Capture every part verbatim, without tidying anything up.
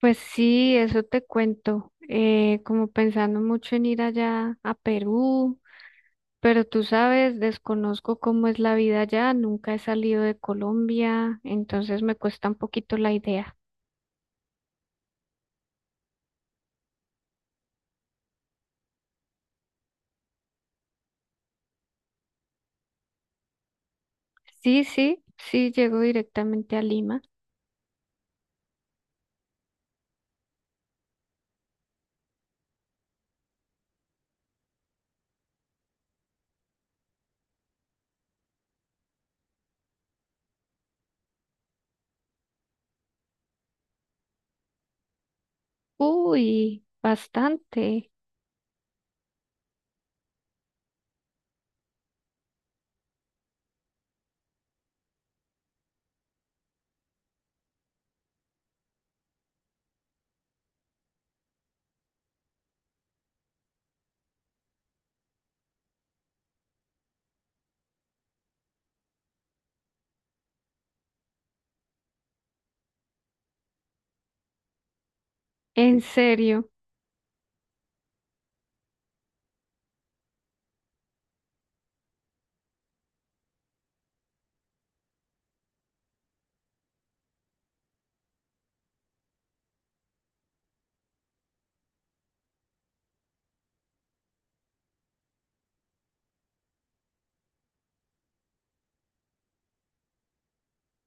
Pues sí, eso te cuento, eh, como pensando mucho en ir allá a Perú, pero tú sabes, desconozco cómo es la vida allá, nunca he salido de Colombia, entonces me cuesta un poquito la idea. Sí, sí, sí, llego directamente a Lima. Uy, bastante, en serio.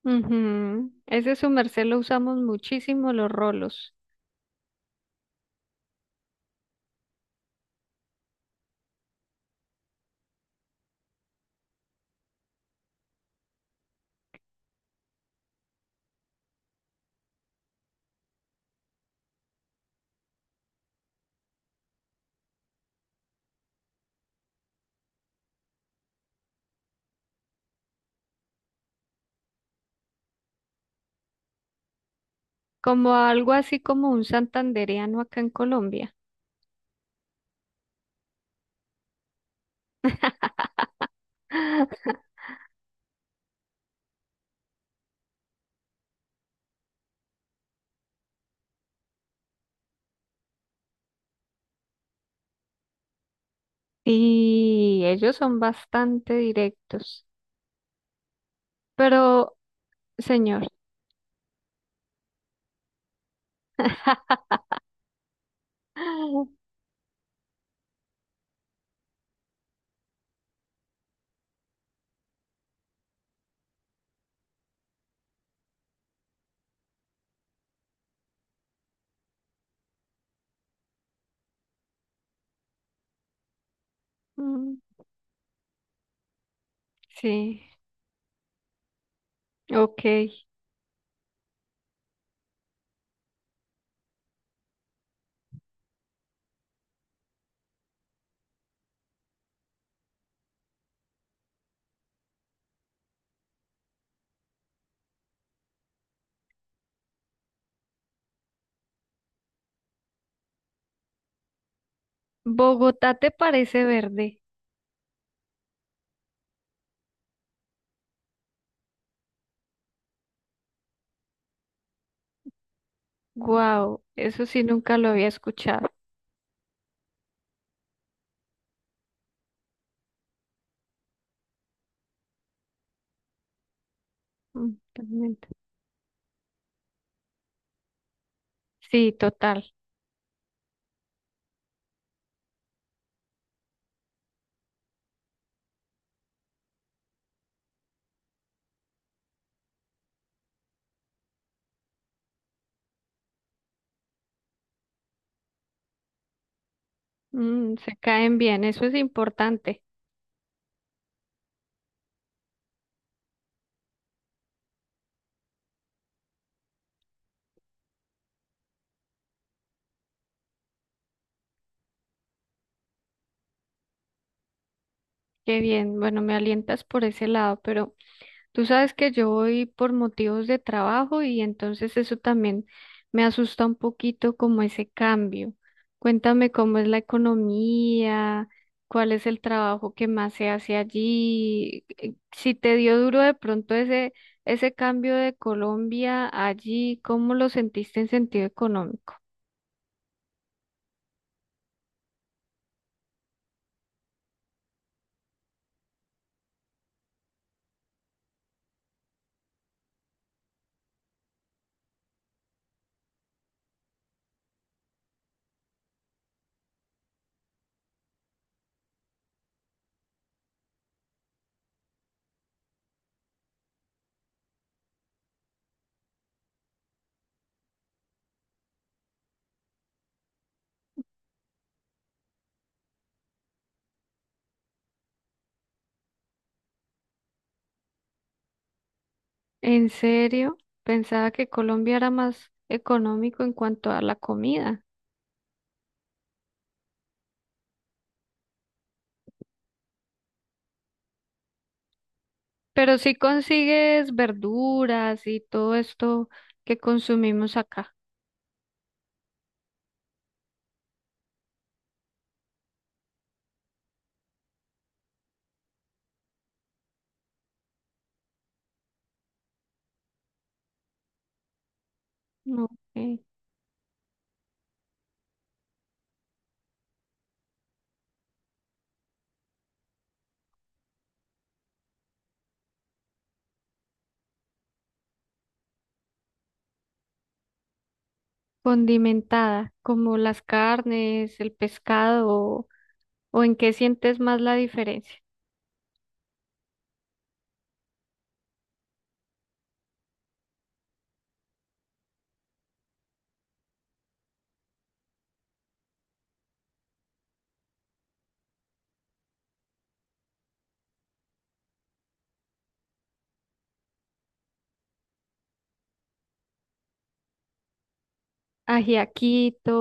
Ujú. Ese su merced lo usamos muchísimo los rolos, como algo así como un santandereano acá en Colombia. Y ellos son bastante directos. Pero, señor, mm, sí, ok. ¿Bogotá te parece verde? Wow, eso sí nunca lo había escuchado. Mm, totalmente. Sí, total. Mm, se caen bien, eso es importante. Qué bien. Bueno, me alientas por ese lado, pero tú sabes que yo voy por motivos de trabajo y entonces eso también me asusta un poquito como ese cambio. Cuéntame cómo es la economía, cuál es el trabajo que más se hace allí, eh, si te dio duro de pronto ese, ese cambio de Colombia allí, ¿cómo lo sentiste en sentido económico? ¿En serio? Pensaba que Colombia era más económico en cuanto a la comida. ¿Pero si consigues verduras y todo esto que consumimos acá? ¿No? Eh, condimentada, como las carnes, el pescado, o en qué sientes más la diferencia. Ajiaquito,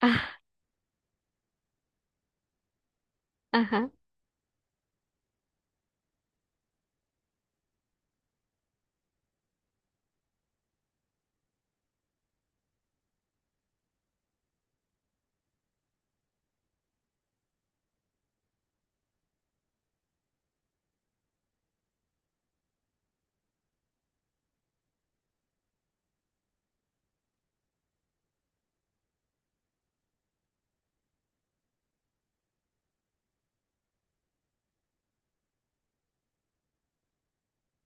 ah, ajá.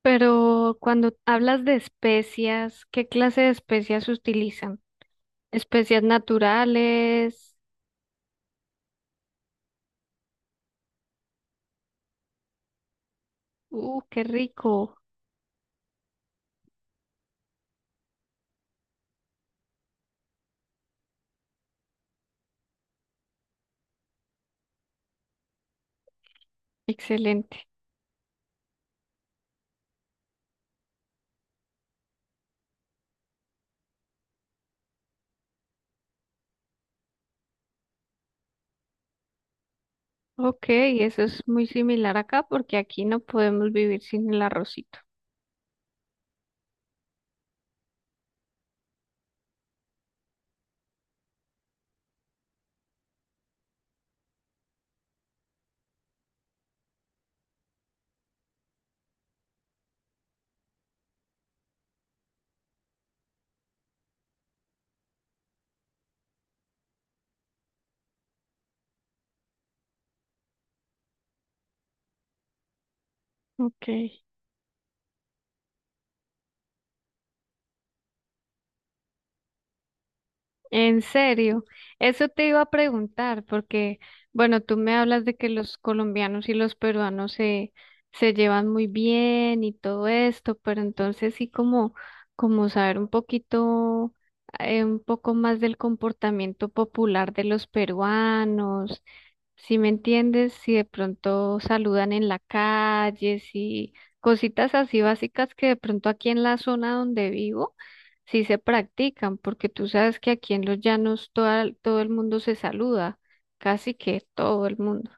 Pero cuando hablas de especias, ¿qué clase de especias utilizan? Especias naturales. Uh, qué rico. Excelente. Ok, eso es muy similar acá porque aquí no podemos vivir sin el arrocito. Ok. En serio, eso te iba a preguntar, porque, bueno, tú me hablas de que los colombianos y los peruanos se, se llevan muy bien y todo esto, pero entonces sí como, como saber un poquito, eh, un poco más del comportamiento popular de los peruanos, si me entiendes, si de pronto saludan en la calle, si cositas así básicas que de pronto aquí en la zona donde vivo sí se practican, porque tú sabes que aquí en los llanos toda- todo el mundo se saluda, casi que todo el mundo.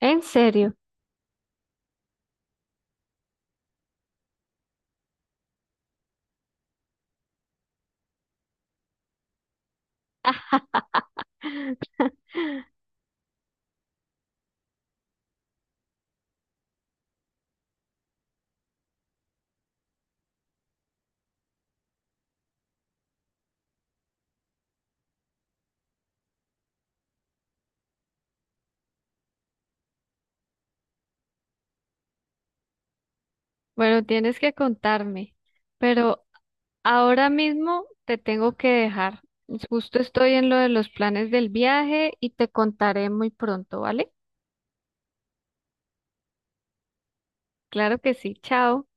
En serio, bueno, tienes que contarme, pero ahora mismo te tengo que dejar. Justo estoy en lo de los planes del viaje y te contaré muy pronto, ¿vale? Claro que sí, chao.